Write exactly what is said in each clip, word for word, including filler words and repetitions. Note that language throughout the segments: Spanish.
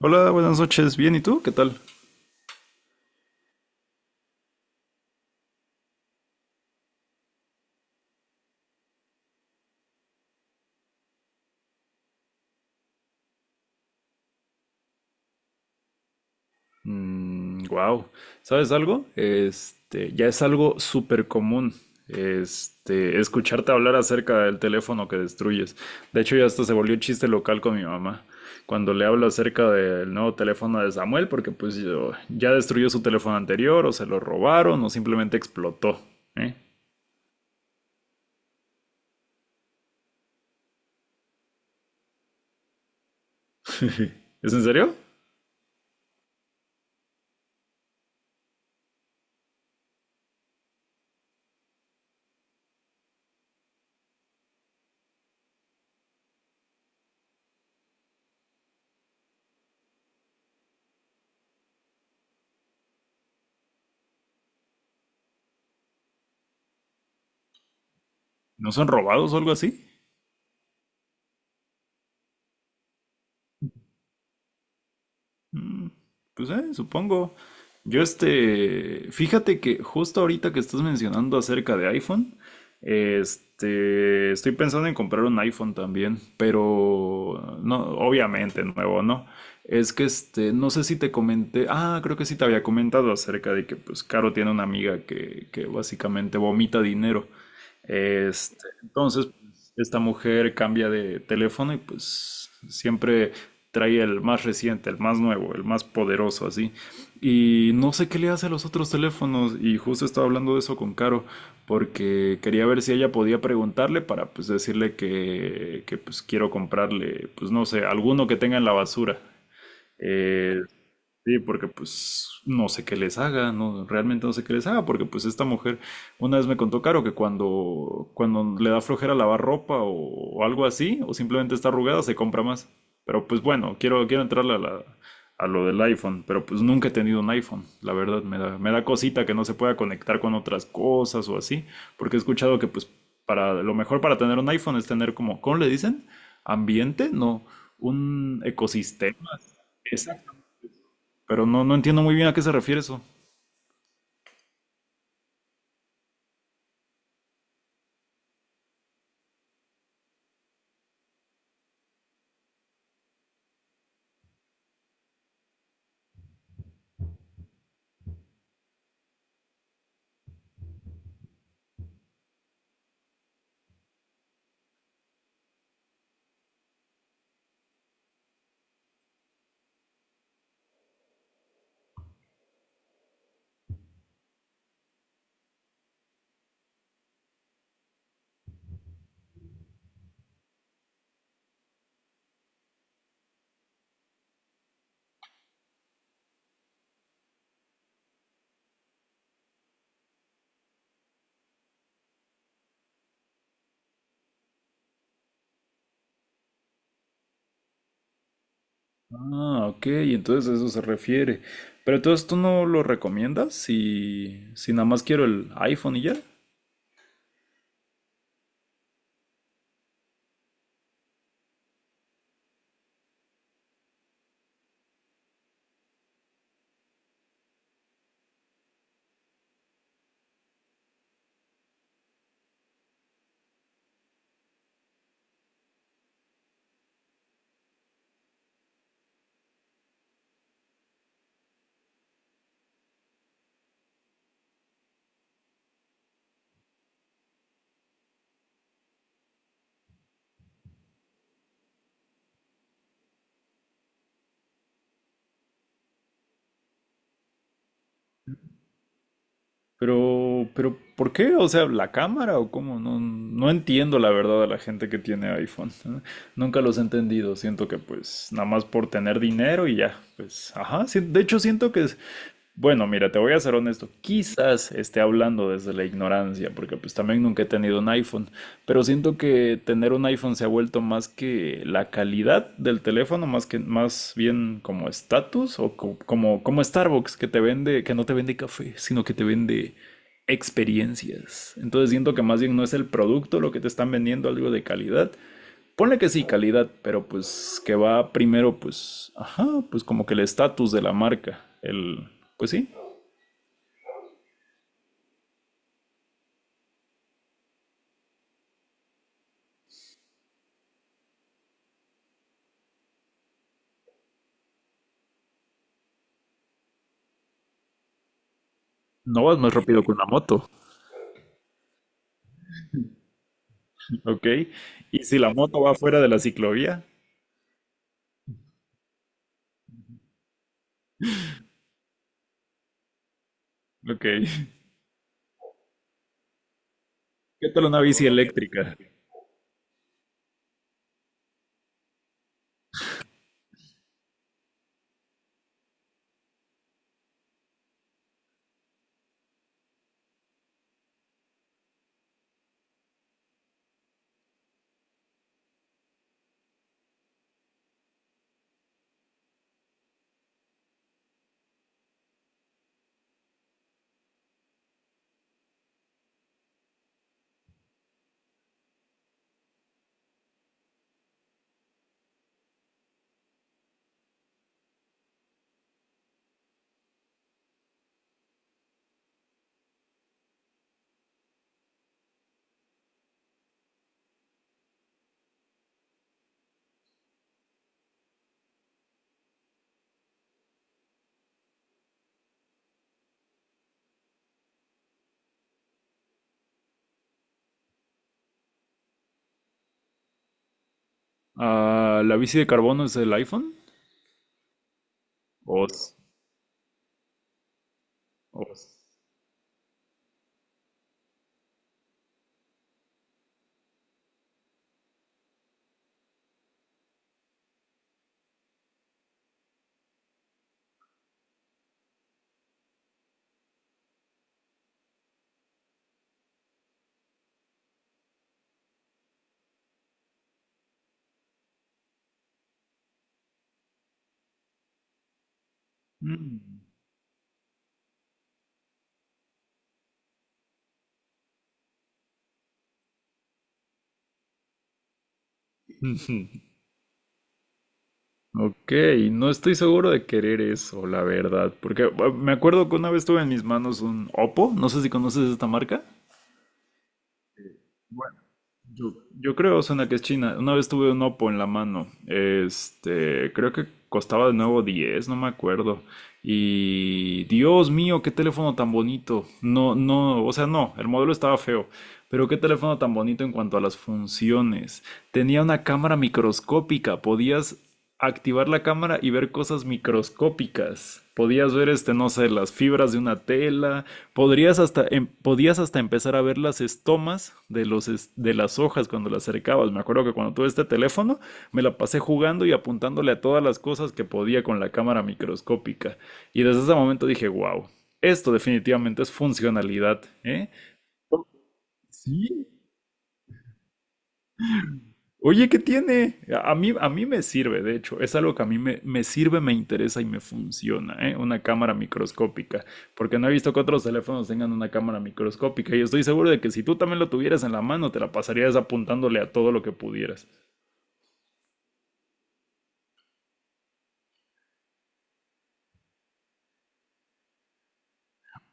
Hola, buenas noches. Bien, ¿y tú? ¿Qué tal? wow. ¿Sabes algo? Este, ya es algo súper común. Este, escucharte hablar acerca del teléfono que destruyes. De hecho, ya hasta se volvió chiste local con mi mamá. Cuando le hablo acerca del nuevo teléfono de Samuel, porque pues yo- ya destruyó su teléfono anterior, o se lo robaron, o simplemente explotó. ¿Eh? ¿Es en serio? ¿No son robados o algo así? Mm. Pues eh, supongo. Yo, este, fíjate que justo ahorita que estás mencionando acerca de iPhone, este, estoy pensando en comprar un iPhone también, pero no, obviamente nuevo, ¿no? Es que este, no sé si te comenté, ah, creo que sí te había comentado acerca de que pues Caro tiene una amiga que, que básicamente vomita dinero. Este, entonces, pues, esta mujer cambia de teléfono y pues siempre trae el más reciente, el más nuevo, el más poderoso, así. Y no sé qué le hace a los otros teléfonos y justo estaba hablando de eso con Caro porque quería ver si ella podía preguntarle para pues decirle que, que pues quiero comprarle, pues no sé, alguno que tenga en la basura. Eh, Sí, porque pues no sé qué les haga, no, realmente no sé qué les haga, porque pues esta mujer una vez me contó Caro que cuando, cuando le da flojera lavar ropa o, o algo así, o simplemente está arrugada, se compra más. Pero pues bueno, quiero, quiero entrarle a, la- a lo del iPhone, pero pues nunca he tenido un iPhone, la verdad, me da, me da cosita que no se pueda conectar con otras cosas o así, porque he escuchado que pues para lo mejor para tener un iPhone es tener como, ¿cómo le dicen? Ambiente, no, un ecosistema. Exacto. Pero no, no entiendo muy bien a qué se refiere eso. Ah, ok, entonces a eso se refiere. Pero entonces tú no lo recomiendas si, si nada más quiero el iPhone y ya. Pero, pero, ¿por qué? O sea, ¿la cámara o cómo? No, no entiendo la verdad a la gente que tiene iPhone. Nunca los he entendido. Siento que pues nada más por tener dinero y ya. Pues, ajá, sí. De hecho, siento que es- Bueno, mira, te voy a ser honesto. Quizás esté hablando desde la ignorancia, porque pues también nunca he tenido un iPhone, pero siento que tener un iPhone se ha vuelto más que la calidad del teléfono, más que más bien como estatus o co- como como Starbucks que te vende, que no te vende café, sino que te vende experiencias. Entonces siento que más bien no es el producto lo que te están vendiendo algo de calidad. Ponle que sí, calidad, pero pues que va primero pues, ajá, pues como que el estatus de la marca, el pues sí. No vas más rápido que una moto. Ok. ¿Y si la moto va fuera de la ciclovía? Ok. ¿Qué tal una bici eléctrica? Ah, ¿la bici de carbono es el iPhone? Os. Os. Mm. Ok, no estoy seguro de querer eso, la verdad, porque ah, me acuerdo que una vez tuve en mis manos un Oppo, no sé si conoces esta marca. Yo creo, Osana, que es China. Una vez tuve un Oppo en la mano. Este, creo que costaba de nuevo diez, no me acuerdo. Y Dios mío, qué teléfono tan bonito. No, no, o sea, no, el modelo estaba feo. Pero qué teléfono tan bonito en cuanto a las funciones. Tenía una cámara microscópica. Podías activar la cámara y ver cosas microscópicas. Podías ver, este, no sé, las fibras de una tela. Podrías hasta, em- podías hasta empezar a ver las estomas de los es- de las hojas cuando las acercabas. Me acuerdo que cuando tuve este teléfono me la pasé jugando y apuntándole a todas las cosas que podía con la cámara microscópica. Y desde ese momento dije, wow, esto definitivamente es funcionalidad, ¿eh? Sí. Oye, ¿qué tiene? A a mí, a mí me sirve, de hecho, es algo que a mí me, me sirve, me interesa y me funciona, ¿eh? Una cámara microscópica, porque no he visto que otros teléfonos tengan una cámara microscópica y estoy seguro de que si tú también lo tuvieras en la mano, te la pasarías apuntándole a todo lo que pudieras.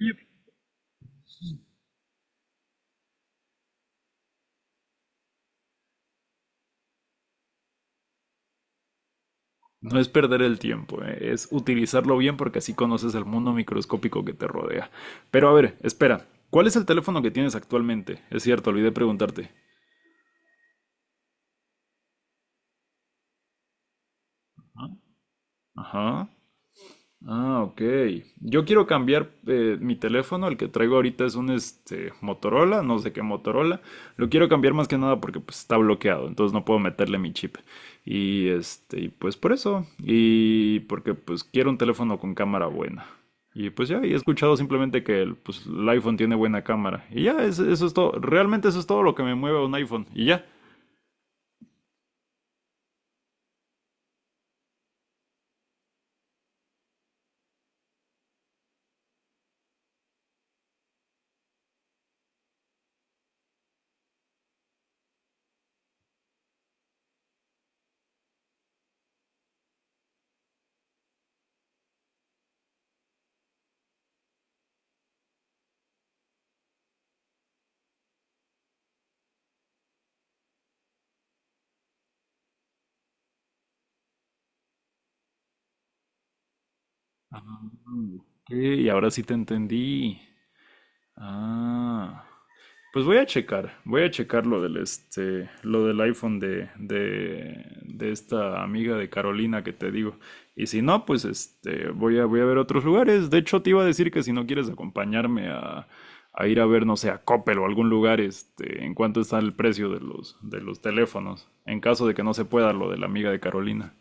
Y no es perder el tiempo, ¿eh? Es utilizarlo bien porque así conoces el mundo microscópico que te rodea. Pero a ver, espera, ¿cuál es el teléfono que tienes actualmente? Es cierto, olvidé preguntarte. Ajá. Ah, ok. Yo quiero cambiar eh, mi teléfono, el que traigo ahorita es un este, Motorola, no sé qué Motorola. Lo quiero cambiar más que nada porque pues, está bloqueado, entonces no puedo meterle mi chip. Y este, y, pues por eso. Y porque pues quiero un teléfono con cámara buena. Y pues ya, y he escuchado simplemente que el, pues, el iPhone tiene buena cámara. Y ya, es- eso es todo. Realmente eso es todo lo que me mueve a un iPhone. Y ya. Ah, ok, y ahora sí te entendí. Ah. Pues voy a checar, voy a checar lo del este, lo del iPhone de, de, de esta amiga de Carolina que te digo. Y si no, pues este, voy a, voy a ver otros lugares. De hecho, te iba a decir que si no quieres acompañarme a, a ir a ver, no sé, a Coppel o algún lugar, este, en cuánto está el precio de los, de los teléfonos, en caso de que no se pueda lo de la amiga de Carolina.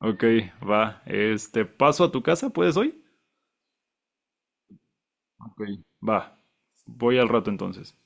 Ok, va. Este, ¿paso a tu casa? ¿Puedes hoy? Ok. Va. Voy al rato entonces.